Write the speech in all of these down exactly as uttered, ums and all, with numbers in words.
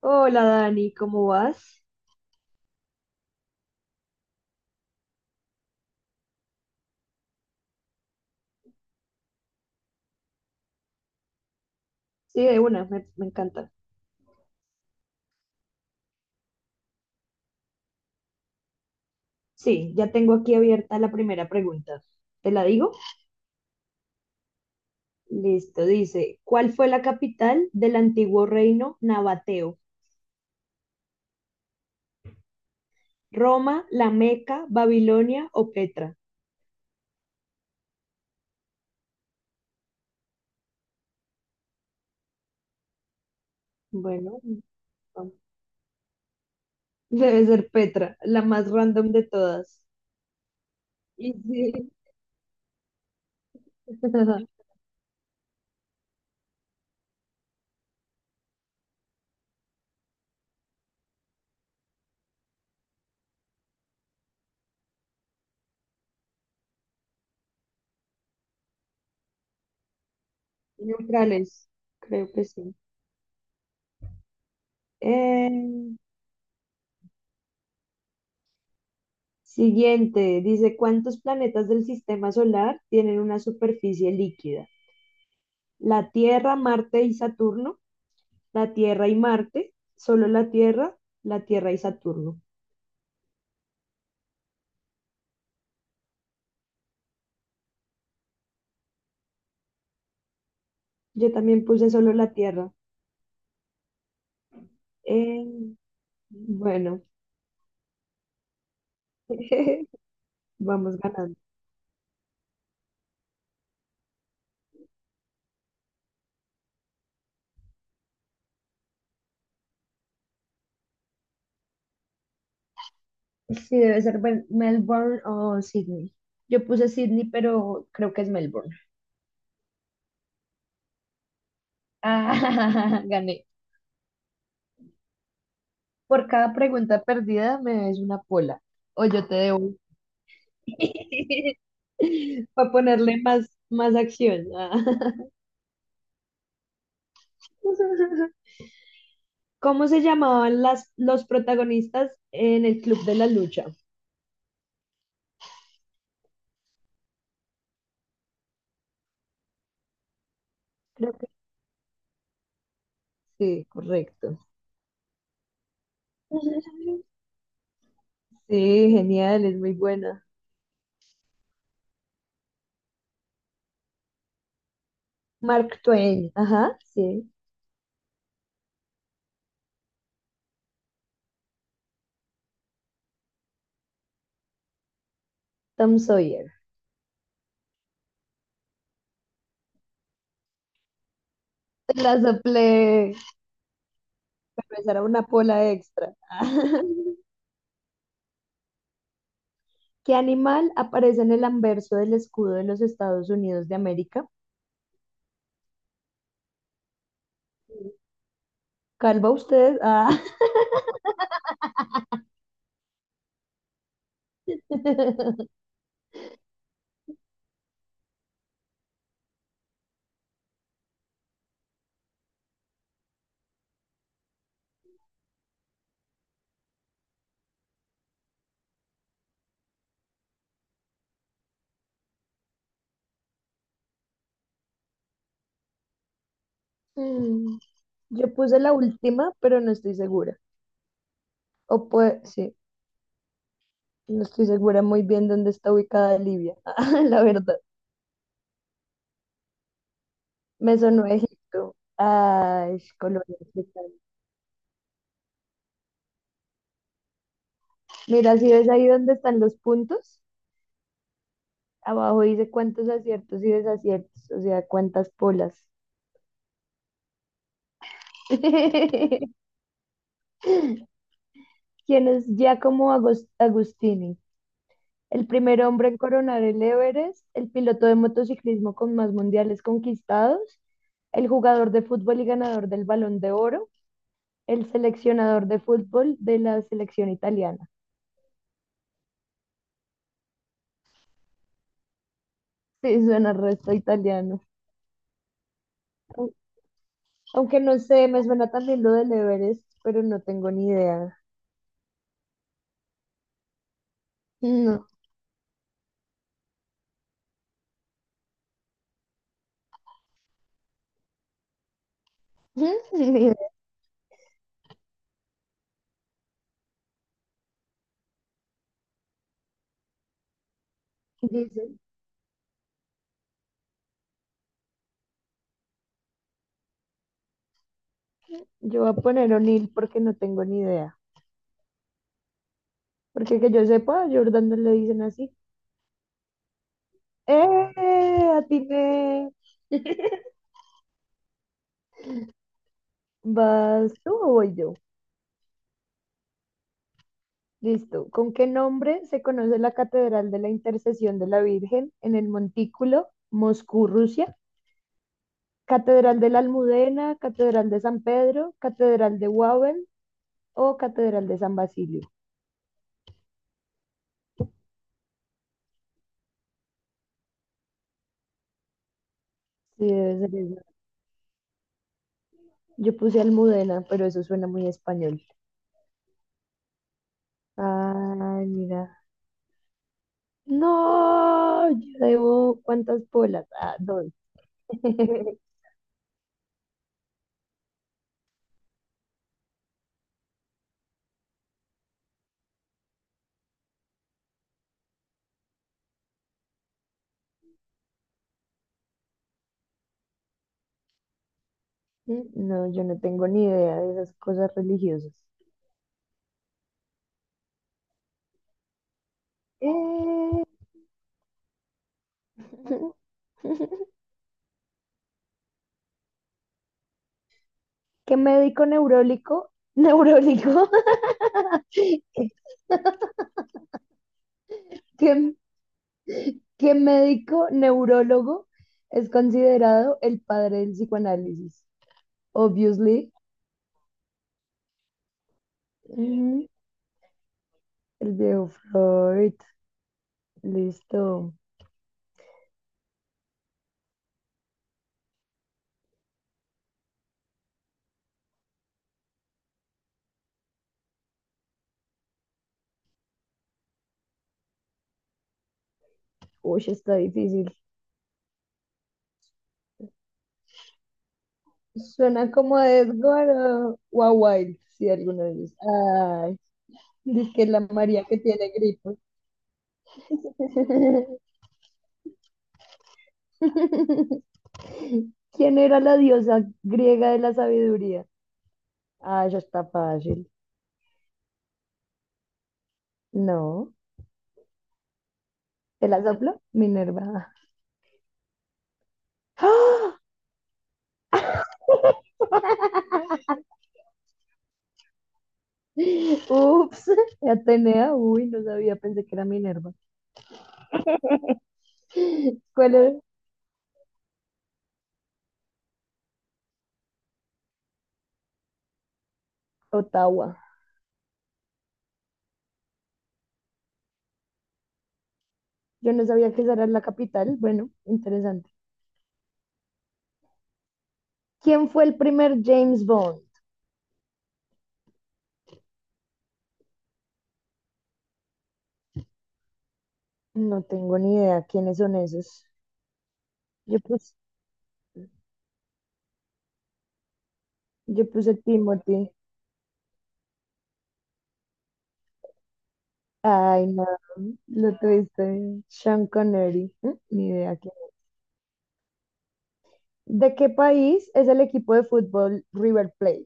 Hola Dani, ¿cómo vas? Sí, de una, me, me encanta. Sí, ya tengo aquí abierta la primera pregunta. ¿Te la digo? Listo, dice, ¿cuál fue la capital del antiguo reino nabateo? ¿Roma, La Meca, Babilonia o Petra? Bueno, vamos. Debe ser Petra, la más random de todas. Y sí, neutrales, creo que sí. Eh, Siguiente, dice, ¿cuántos planetas del sistema solar tienen una superficie líquida? ¿La Tierra, Marte y Saturno, la Tierra y Marte, solo la Tierra, la Tierra y Saturno? Yo también puse solo la Tierra. Eh, bueno, vamos ganando. Sí, debe ser Mel- Melbourne o Sydney. Yo puse Sydney, pero creo que es Melbourne. Ah, gané. Por cada pregunta perdida me debes una pola. O yo te debo. Para ponerle más, más acción. Ah. ¿Cómo se llamaban las, los protagonistas en el Club de la Lucha? Creo que sí, correcto. Sí, genial, es muy buena. Mark Twain, ajá, sí. Tom Sawyer. Te la soplé, pero esa era una pola extra. ¿Qué animal aparece en el anverso del escudo de los Estados Unidos de América? Calva usted. Ah. Mm, yo puse la última, pero no estoy segura. O puede, sí. No estoy segura muy bien dónde está ubicada Libia, la verdad. Me sonó Egipto. Ay, Colombia. Qué tal. Mira, si ves ahí dónde están los puntos, abajo dice cuántos aciertos y desaciertos, o sea, cuántas polas. ¿Quién es Giacomo Agos- Agostini? ¿El primer hombre en coronar el Everest, el piloto de motociclismo con más mundiales conquistados, el jugador de fútbol y ganador del Balón de Oro, el seleccionador de fútbol de la selección italiana? Sí, suena resto italiano. Au- Aunque no sé, me suena también lo del Everest, pero no tengo ni idea. No, ni idea. Dicen, yo voy a poner O'Neill porque no tengo ni idea. Porque que yo sepa, a Jordan no le dicen así. ¡Eh! Atiné. ¿Vas tú o voy yo? Listo. ¿Con qué nombre se conoce la Catedral de la Intercesión de la Virgen en el Montículo, Moscú, Rusia? ¿Catedral de la Almudena, Catedral de San Pedro, Catedral de Wawel, o Catedral de San Basilio? Sí, debe ser esa. Yo puse Almudena, pero eso suena muy español. Ay, mira. No, yo debo cuántas polas. Ah, dos. No, yo no tengo ni idea de esas cosas religiosas. Eh, ¿Qué médico neurólico? Neurólico. ¿Qué, ¿qué médico neurólogo es considerado el padre del psicoanálisis? Obviously. El viejo Freud. Listo. Uy, está difícil. Suena como a Edgar o o a Wilde, si alguno de ellos. Ay, dice que la María que tiene gripe. ¿Quién era la diosa griega de la sabiduría? Ah, eso está fácil. No. ¿Te la soplo? Minerva. ¡Ah! Ups. Atenea. Uy, no sabía. Pensé que era Minerva. ¿Cuál era? Ottawa. Yo no sabía que esa era la capital. Bueno, interesante. ¿Quién fue el primer James Bond? No tengo ni idea quiénes son esos. Yo puse, yo puse Timothy. Ay, no, lo tuviste. Bien. Sean Connery. ¿Mm? Ni idea quién. ¿De qué país es el equipo de fútbol River Plate?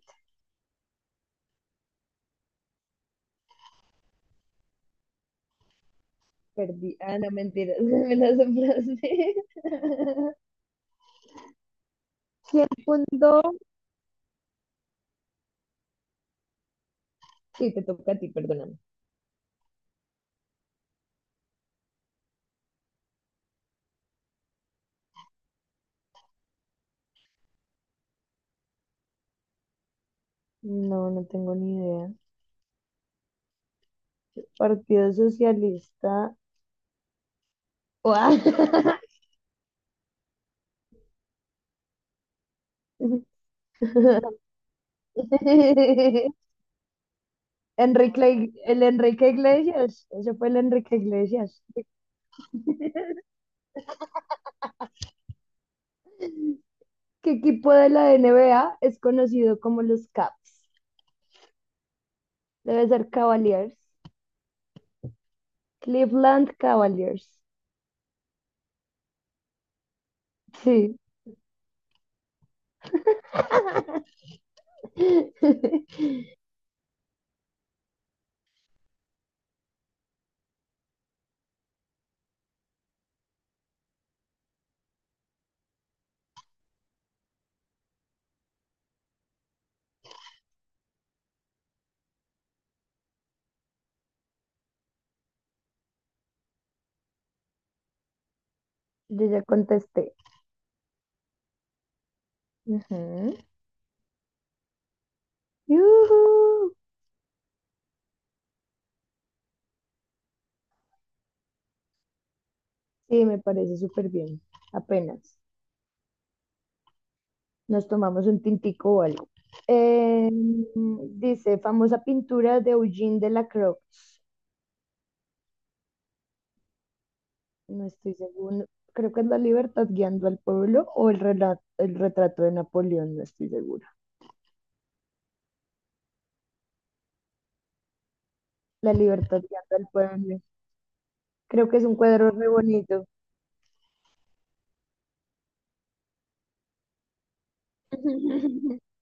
Perdí. Ah, no, mentira. Me las emplacé. ¿Quién fundó? Sí, te toca a ti, perdóname. No, no tengo ni idea. Partido Socialista. Guau. Enrique, el Enrique Iglesias, ese fue el Enrique Iglesias. ¿Qué equipo de la N B A es conocido como los Caps? Debe ser Cavaliers. Cleveland Cavaliers. Sí. Yo ya contesté. Ujú. Yujú. Sí, me parece súper bien. Apenas nos tomamos un tintico o algo. Eh, dice, famosa pintura de Eugene Delacroix. No estoy seguro. Creo que es La Libertad guiando al pueblo o el relato, el retrato de Napoleón, no estoy segura. La Libertad guiando al pueblo. Creo que es un cuadro re bonito.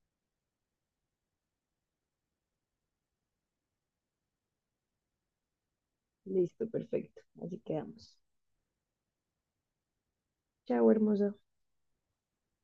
Listo, perfecto. Así quedamos. Chao, hermoso.